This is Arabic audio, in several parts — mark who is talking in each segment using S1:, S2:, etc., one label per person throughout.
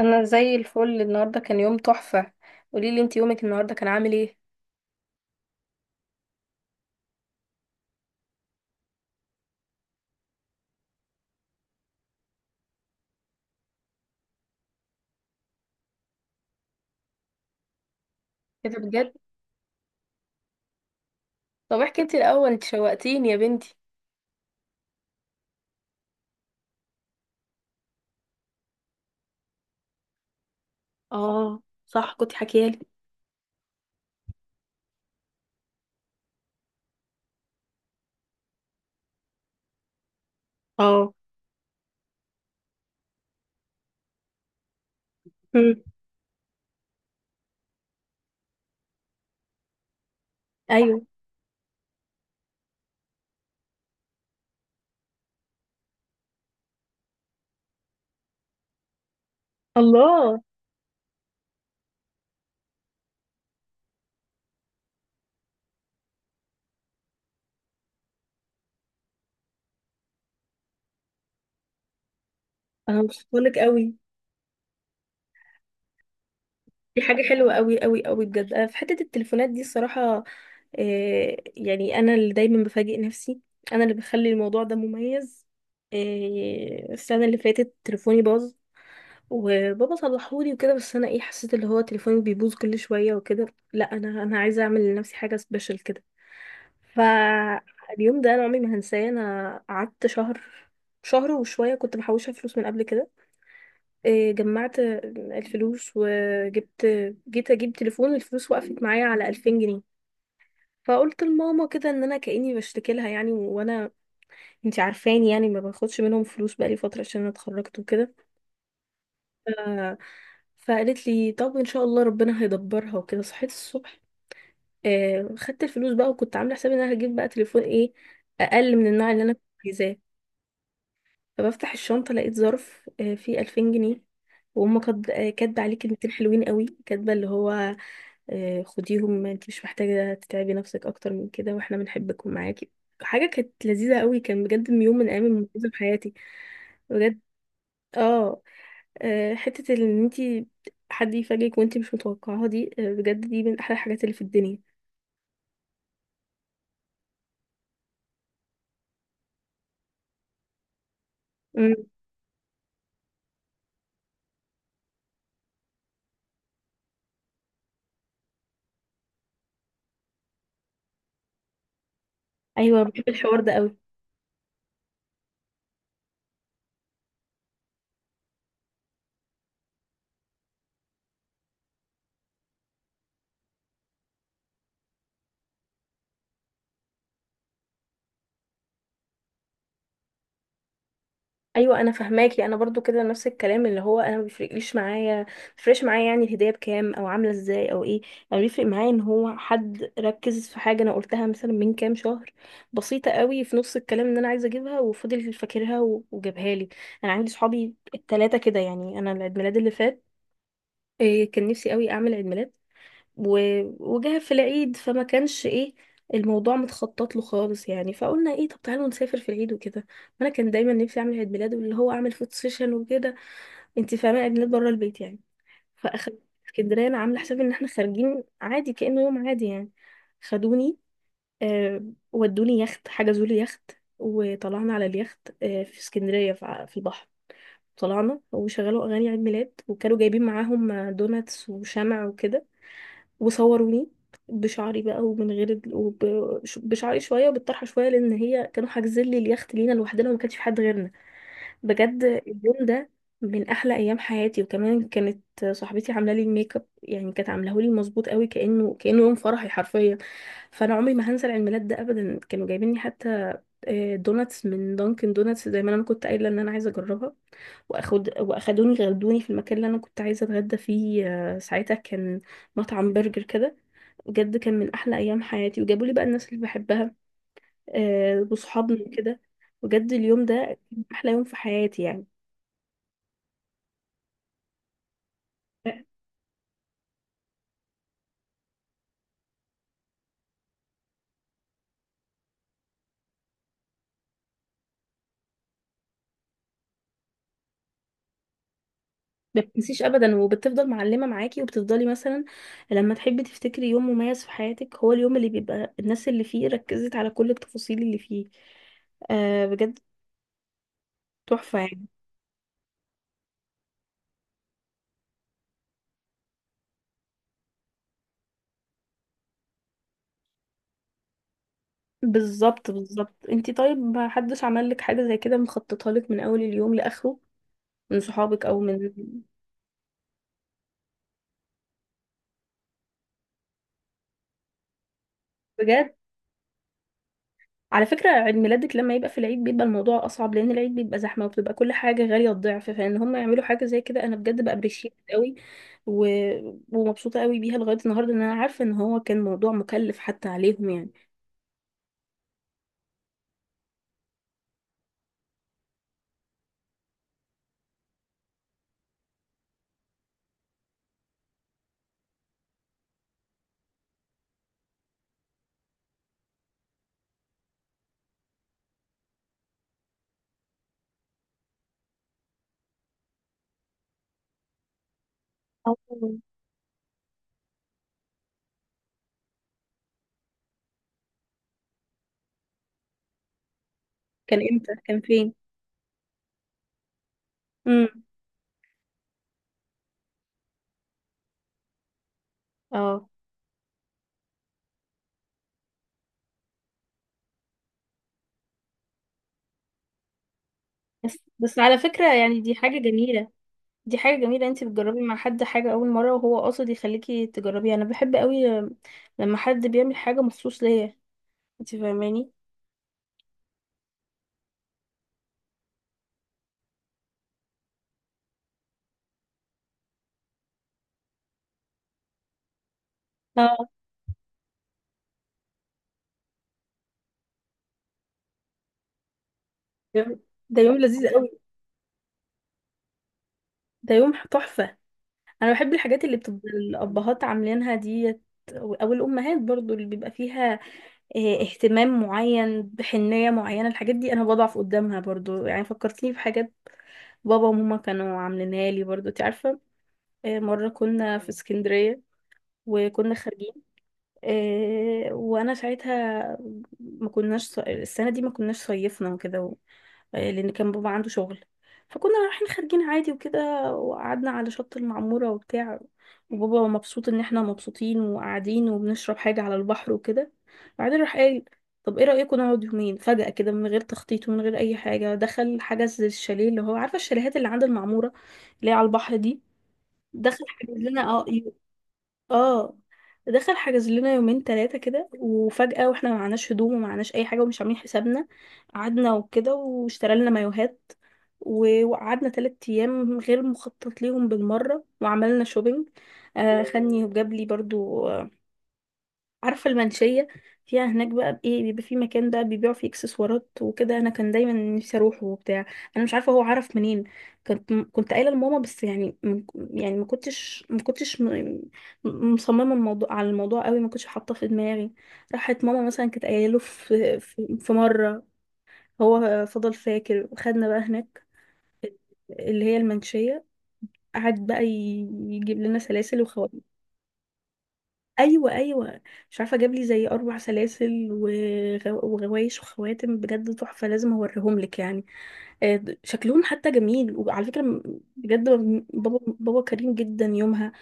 S1: انا زي الفل النهارده كان يوم تحفه. قولي لي انت يومك النهارده كان عامل ايه. ايه ده بجد؟ طب احكي انت الاول، انت شوقتيني يا بنتي. اه صح، كنت حكيالي. اه. مم. ايوه. الله. انا مبسوطه لك قوي. دي حاجه حلوه قوي قوي قوي بجد، انا في حته التليفونات دي الصراحه، يعني انا اللي دايما بفاجئ نفسي، انا اللي بخلي الموضوع ده مميز. السنه اللي فاتت تليفوني باظ وبابا صلحولي وكده، بس انا ايه حسيت اللي هو تليفوني بيبوظ كل شويه وكده. لا، انا عايزه اعمل لنفسي حاجه سبيشال كده. فاليوم ده انا عمري ما هنساه. انا قعدت شهر وشويه كنت محوشه فلوس من قبل كده. جمعت الفلوس وجبت. جيت اجيب تليفون، الفلوس وقفت معايا على 2000 جنيه، فقلت لماما كده ان انا كاني بشتكي لها، يعني وانا انتي عارفاني يعني ما باخدش منهم فلوس بقالي فتره عشان أنا اتخرجت وكده. ف- فقالت لي طب ان شاء الله ربنا هيدبرها وكده. صحيت الصبح، خدت الفلوس بقى، وكنت عامله حسابي ان انا هجيب بقى تليفون ايه اقل من النوع اللي انا كنت عايزاه. فبفتح الشنطه لقيت ظرف فيه 2000 جنيه، وهم كاتبه عليه كلمتين حلوين قوي، كاتبه اللي هو خديهم انت مش محتاجة تتعبي نفسك اكتر من كده، واحنا بنحبك ومعاكي. حاجة كانت لذيذة قوي، كان بجد من يوم من ايام المميزة في حياتي. بجد. اه. حتة ان انتي حد يفاجئك وانتي مش متوقعاها دي، بجد دي من احلى الحاجات اللي في الدنيا. مم. ايوه، بحب الحوار ده قوي. ايوه انا فهماكي، انا برضو كده نفس الكلام، اللي هو انا ما بيفرقليش معايا، ما بيفرقش معايا يعني الهديه بكام او عامله ازاي او ايه. انا بيفرق معايا ان هو حد ركز في حاجه انا قلتها مثلا من كام شهر، بسيطه قوي في نص الكلام، ان انا عايزه اجيبها وفضل فاكرها وجابها لي. انا عندي صحابي التلاتة كده. يعني انا العيد ميلاد اللي فات، كان نفسي قوي اعمل عيد ميلاد، وجه في العيد فما كانش ايه، الموضوع متخطط له خالص. يعني فقلنا ايه، طب تعالوا نسافر في العيد وكده. وانا كان دايما نفسي اعمل عيد ميلاد، واللي هو اعمل فوتو سيشن وكده، انت فاهمه، عيد ميلاد بره البيت يعني. فاخدت اسكندريه، انا عامله حسابي ان احنا خارجين عادي، كانه يوم عادي يعني. خدوني، آه ودوني يخت، حجزوا لي يخت، وطلعنا على اليخت في اسكندريه في البحر. طلعنا وشغلوا اغاني عيد ميلاد، وكانوا جايبين معاهم دوناتس وشمع وكده، وصوروني بشعري بقى ومن غير ال... بشعري شويه وبالطرحه شويه، لان هي كانوا حاجزين لي اليخت لينا لوحدنا وما كانش في حد غيرنا. بجد اليوم ده من احلى ايام حياتي. وكمان كانت صاحبتي عامله لي الميك اب، يعني كانت عاملاه لي مظبوط قوي، كانه يوم فرحي حرفيا. فانا عمري ما هنسى العيد ميلاد ده ابدا. كانوا جايبين لي حتى دوناتس من دانكن دوناتس زي ما انا كنت قايله ان انا عايزه اجربها. واخدوني، غدوني في المكان اللي انا كنت عايزه اتغدى فيه، ساعتها كان مطعم برجر كده. بجد كان من احلى ايام حياتي، وجابوا لي بقى الناس اللي بحبها، وصحابنا وكده. بجد اليوم ده كان احلى يوم في حياتي يعني. ما بتنسيش ابدا، وبتفضل معلمه معاكي، وبتفضلي مثلا لما تحبي تفتكري يوم مميز في حياتك، هو اليوم اللي بيبقى الناس اللي فيه ركزت على كل التفاصيل اللي فيه. بجد تحفه يعني. بالظبط بالظبط. انتي طيب ما حدش عمل لك حاجه زي كده مخططها لك من اول اليوم لاخره، من صحابك او من؟ بجد. على فكرة عيد ميلادك لما يبقى في العيد بيبقى الموضوع أصعب، لأن العيد بيبقى زحمة وبتبقى كل حاجة غالية الضعف، فإن هم يعملوا حاجة زي كده أنا بجد بأبريشيت قوي و... ومبسوطة قوي بيها لغاية النهاردة، إن أنا عارفة إن هو كان موضوع مكلف حتى عليهم يعني. اه. كان إمتى؟ كان فين؟ امم. اه. بس على فكرة يعني دي حاجة جميلة. دي حاجة جميلة، انت بتجربي مع حد حاجة أول مرة، وهو قاصد يخليكي تجربيها. أنا بحب قوي لما حد بيعمل حاجة مخصوص ليا، انت فاهماني. اه. ده يوم. ده يوم لذيذ قوي. ده يوم تحفة. انا بحب الحاجات اللي بتبقى الابهات عاملينها ديت، او الامهات برضو، اللي بيبقى فيها اه، اهتمام معين بحنية معينة. الحاجات دي انا بضعف قدامها برضو يعني. فكرتني في حاجات بابا وماما كانوا عاملينها لي برضو، انت عارفة. اه، مرة كنا في اسكندرية، وكنا خارجين، وانا ساعتها ما كناش ص- السنه دي ما كناش صيفنا وكده و- إيه، لان كان بابا عنده شغل، فكنا رايحين خارجين عادي وكده. وقعدنا على شط المعموره وبتاع، وبابا مبسوط ان احنا مبسوطين وقاعدين وبنشرب حاجه على البحر وكده. بعدين راح قال طب ايه رايكم نقعد يومين فجاه كده من غير تخطيط ومن غير اي حاجه. دخل حجز الشاليه، اللي هو عارفه الشاليهات اللي عند المعموره اللي هي على البحر دي. دخل حجز لنا. اه. اه دخل حجز لنا يومين ثلاثة كده وفجأة، واحنا ما معناش هدوم وما معناش أي حاجة ومش عاملين حسابنا. قعدنا وكده واشترى لنا مايوهات، وقعدنا تلات أيام غير مخطط ليهم بالمرة، وعملنا شوبينج. خدني وجاب لي برضو، عارفة المنشية، فيها هناك بقى ايه بيبقى في مكان بقى بيبيعوا فيه اكسسوارات وكده، انا كان دايما نفسي اروحه وبتاع. انا مش عارفة هو عرف منين، كنت قايلة لماما بس يعني يعني ما كنتش ما كنتش م- م- مصممة الموضوع على الموضوع قوي، ما كنتش حاطاه في دماغي. راحت ماما مثلا كانت قايله له في مرة، هو فضل فاكر وخدنا بقى هناك، اللي هي المنشية. قعد بقى يجيب لنا سلاسل. ايوه، ايوه. مش عارفه جاب لي زي اربع سلاسل وغوايش وخواتم، بجد تحفه، لازم اوريهم لك يعني. شكلهم حتى جميل، وعلى فكره بجد، بابا كريم جدا يومها،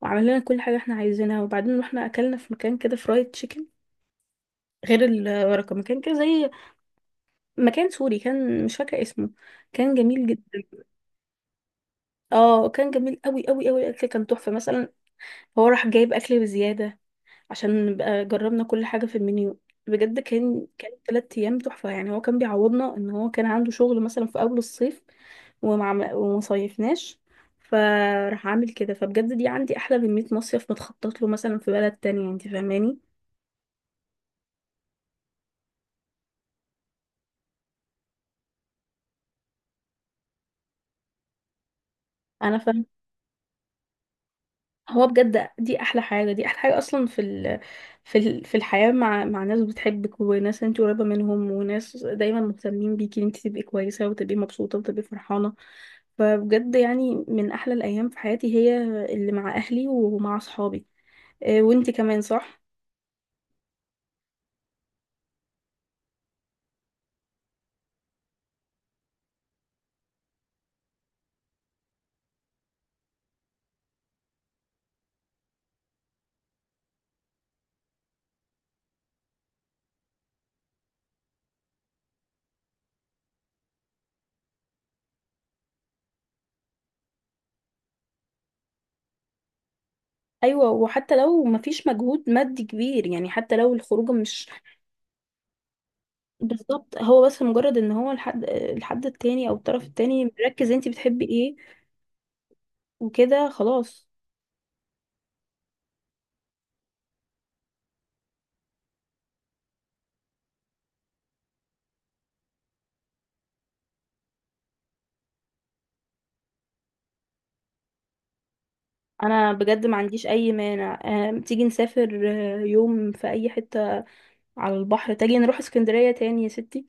S1: وعمل لنا كل حاجه احنا عايزينها. وبعدين رحنا اكلنا في مكان كده فرايد تشيكن، غير الورقه، مكان كده زي مكان سوري، كان مش فاكره اسمه، كان جميل جدا. اه. كان جميل قوي قوي قوي، الاكل كان تحفه. مثلا هو راح جايب اكل بزياده عشان نبقى جربنا كل حاجة في المنيو. بجد كان تلات أيام تحفة يعني. هو كان بيعوضنا إن هو كان عنده شغل مثلا في أول الصيف، ومصيفناش، فراح عامل كده. فبجد دي عندي أحلى من 100 مصيف متخطط له مثلا في بلد تانية، انت فاهماني. أنا فاهمة. هو بجد دي احلى حاجه، دي احلى حاجه اصلا في ال... في الحياه، مع ناس بتحبك وناس انت قريبه منهم، وناس دايما مهتمين بيكي ان انت تبقي كويسه وتبقي مبسوطه وتبقي فرحانه. فبجد يعني من احلى الايام في حياتي هي اللي مع اهلي ومع اصحابي. وانت كمان صح. ايوه، وحتى لو مفيش مجهود مادي كبير، يعني حتى لو الخروجه مش، بالظبط، هو بس مجرد ان هو الحد التاني او الطرف التاني مركز انت بتحبي ايه، وكده خلاص. انا بجد ما عنديش اي مانع. تيجي نسافر، يوم في اي حتة على البحر، تيجي نروح اسكندرية تاني يا ستي.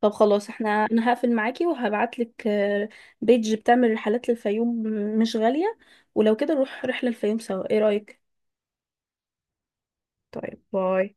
S1: طب خلاص، احنا انا هقفل معاكي وهبعتلك، بيج بتعمل رحلات للفيوم مش غالية، ولو كده نروح رحلة الفيوم سوا، ايه رأيك؟ طيب، باي.